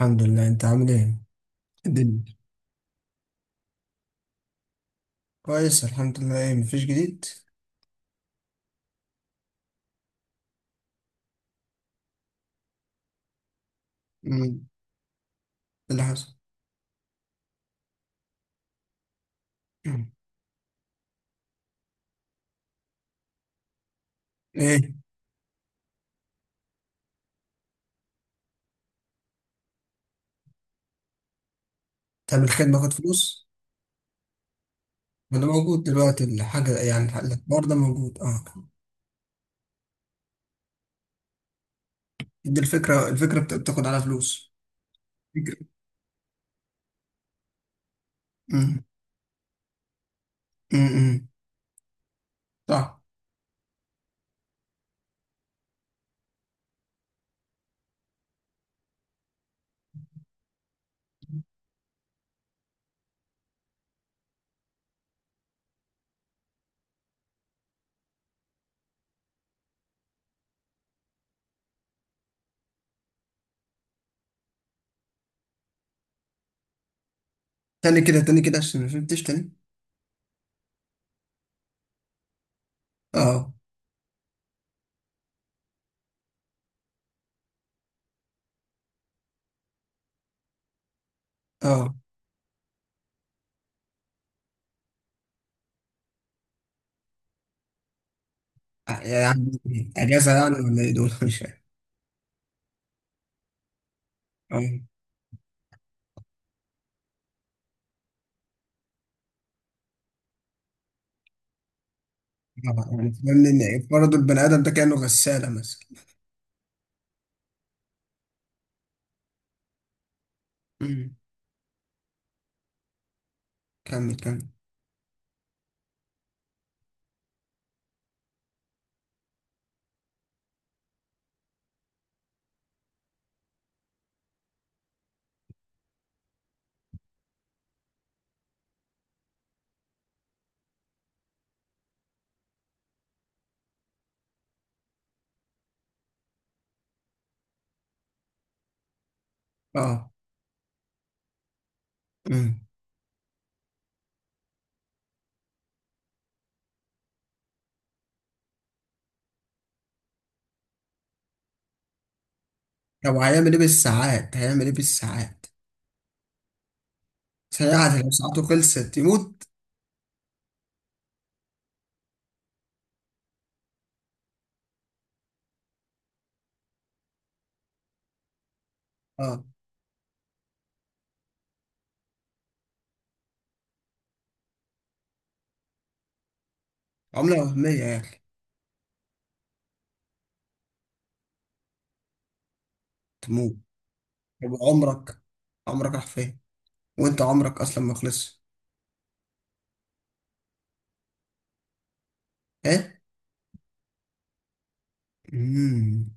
الحمد لله، انت عامل ايه؟ الدنيا كويس الحمد لله. ايه، مفيش جديد. مم. إيه اللي حصل؟ مم. ايه؟ تعمل خدمه باخد فلوس. ما ده موجود دلوقتي الحاجه، يعني الحوار ده موجود اه. دي الفكره، بتاخد على فلوس. فكرة. امم امم صح. تاني كده، تاني كده، عشان ما فهمتش. تاني اه. اه، يعني اجازه يعني، ولا ايه دول؟ مش فاهم. اه. آه، يعني فاهمني ان فرضوا البني ادم ده كانه غساله مثلا. امم كمل كمل. اه. لو هيعمل ايه بالساعات؟ هيعمل ايه بالساعات؟ ساعات، لو ساعته خلصت يموت؟ اه. عملة وهمية يا اخي. تموت. طب عمرك، عمرك راح فين؟ وانت عمرك اصلا ما خلصش. ايه. امم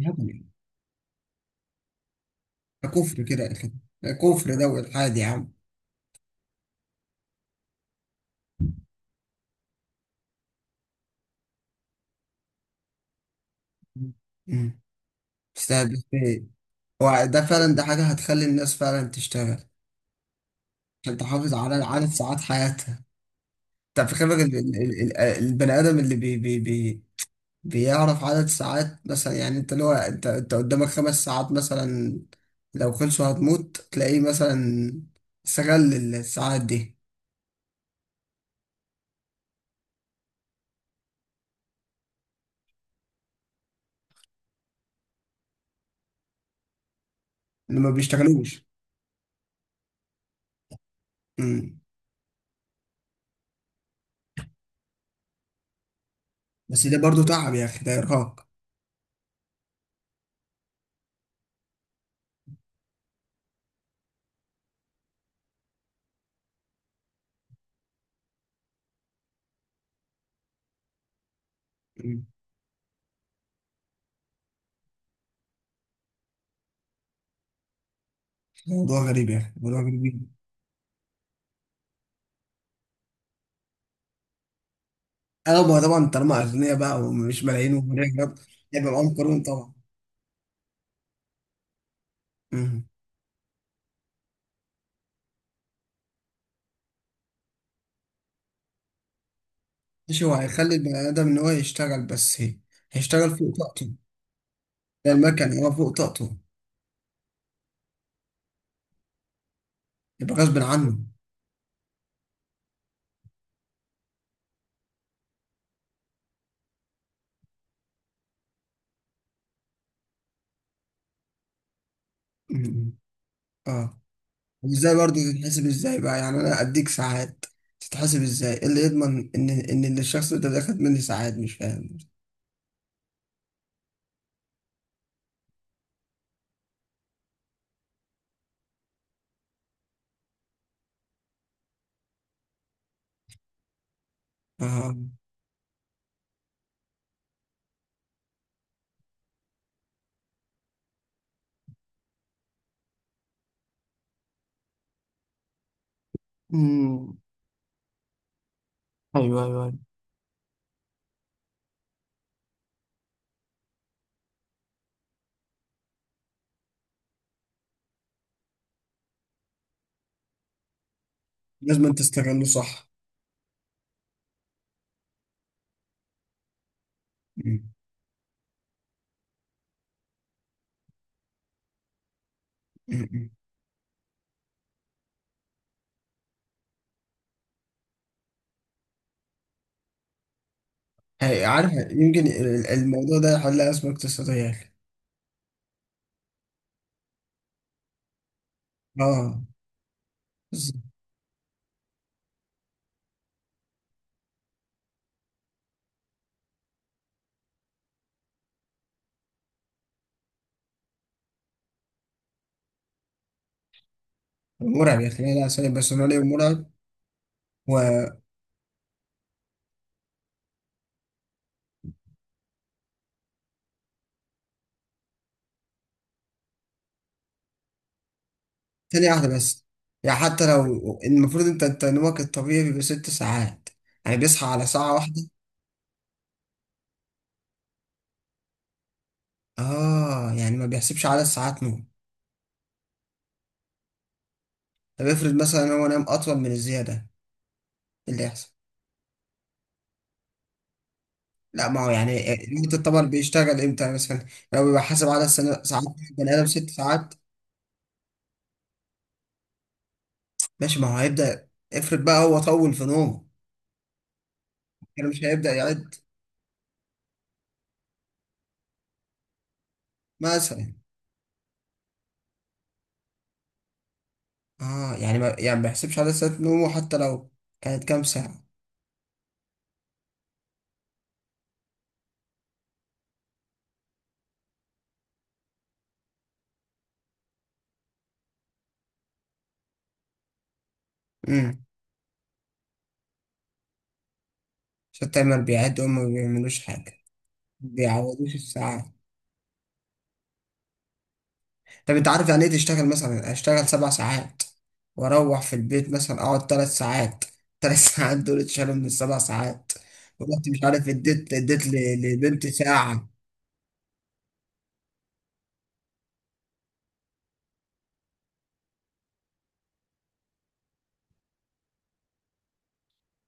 يا ابني، ده كفر كده يا اخي، ده كفر ده والحاد يا عم. امم تستهبل ايه. هو ده فعلا، ده حاجة هتخلي الناس فعلا تشتغل، عشان تحافظ على عدد ساعات حياتها. انت في خبرك البني ادم اللي بي بي بي بيعرف عدد ساعات، مثلا يعني انت اللي هو انت قدامك 5 ساعات مثلا، لو خلصوا هتموت. تلاقيه مثلا استغل الساعات دي، اللي ما بيشتغلوش. مم. بس ده برضو تعب يا اخي، ده ارهاق. مم. موضوع غريب يا اخي، موضوع غريب جدا. اغلبها طبعا طالما اغنياء بقى، ومش ملايين ومليون. هيبقى معاهم قانون طبعا. مم. مش هو هيخلي البني ادم ان هو يشتغل بس، هي. هيشتغل فوق طاقته. ده المكن هو فوق طاقته. يبقى غصب عنه. مم. اه. ازاي برضه تتحسب؟ ازاي بقى يعني انا اديك ساعات؟ تتحسب ازاي؟ إيه اللي يضمن ان اللي الشخص ده خد مني ساعات؟ مش فاهم. اه. امم ايوه، ايوه، أيوة. لازم أن تستغله صح. مم. مم. مم. هي، عارف يمكن الموضوع ده يحلها أزمة اقتصادية يا أخي. اه. بس مرعب يا أخي، لا لا، سوري بس مرعب، ومرعب. وثانية واحدة بس. يعني حتى لو المفروض أنت نومك الطبيعي بيبقى 6 ساعات. يعني بيصحى على ساعة واحدة. اه، يعني ما بيحسبش عدد ساعات نوم. طب افرض مثلا هو نام اطول من الزياده، إيه اللي يحصل؟ لا، ما هو يعني ليميت الطبق بيشتغل امتى مثلا؟ لو بيبقى حاسب عدد ساعات، بني ادم 6 ساعات. ماشي، ما هو هيبدا. افرض بقى هو طول في نومه، يعني مش هيبدا يعد مثلا. اه، يعني ما، يعني ما بيحسبش عدد ساعات نومه، حتى لو كانت كام ساعه. امم عشان التايمر بيعد وهم ما بيعملوش حاجه، بيعوضوش الساعات. طب انت عارف يعني ايه؟ تشتغل مثلا، اشتغل 7 ساعات واروح في البيت، مثلا اقعد 3 ساعات. ثلاث ساعات دول اتشالوا من السبع ساعات، ورحت مش عارف اديت لبنت ساعة.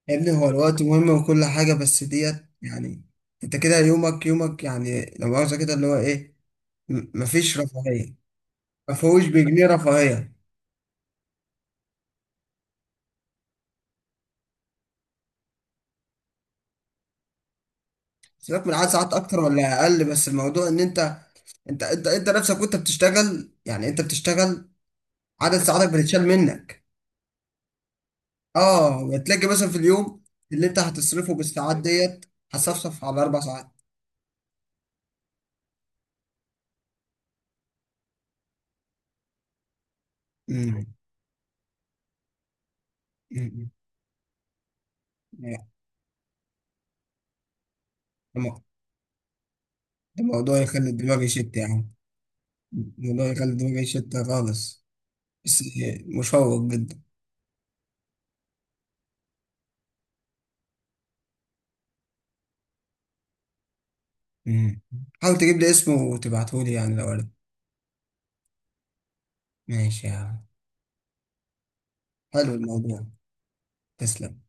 يا ابني هو الوقت مهم وكل حاجة، بس ديت يعني انت كده يومك، يومك، يعني لو مؤاخذة كده اللي هو ايه، مفيش رفاهية. مفهوش بجنيه رفاهية. سيبك من عدد ساعات اكتر ولا اقل، بس الموضوع ان انت نفسك وانت بتشتغل، يعني انت بتشتغل عدد ساعاتك بتتشال منك. اه، تلاقي مثلا في اليوم اللي انت هتصرفه بالساعات ديت هتصفصف على 4 ساعات. امم امم. لا، ده ده موضوع يخلي الدماغ يشت يا عم. موضوع يخلي الدماغ يشت خالص. بس مشوق جدا. امم. حاول تجيب لي اسمه وتبعته لي يعني لو عرفت. ماشي يا عم. حلو الموضوع. تسلم.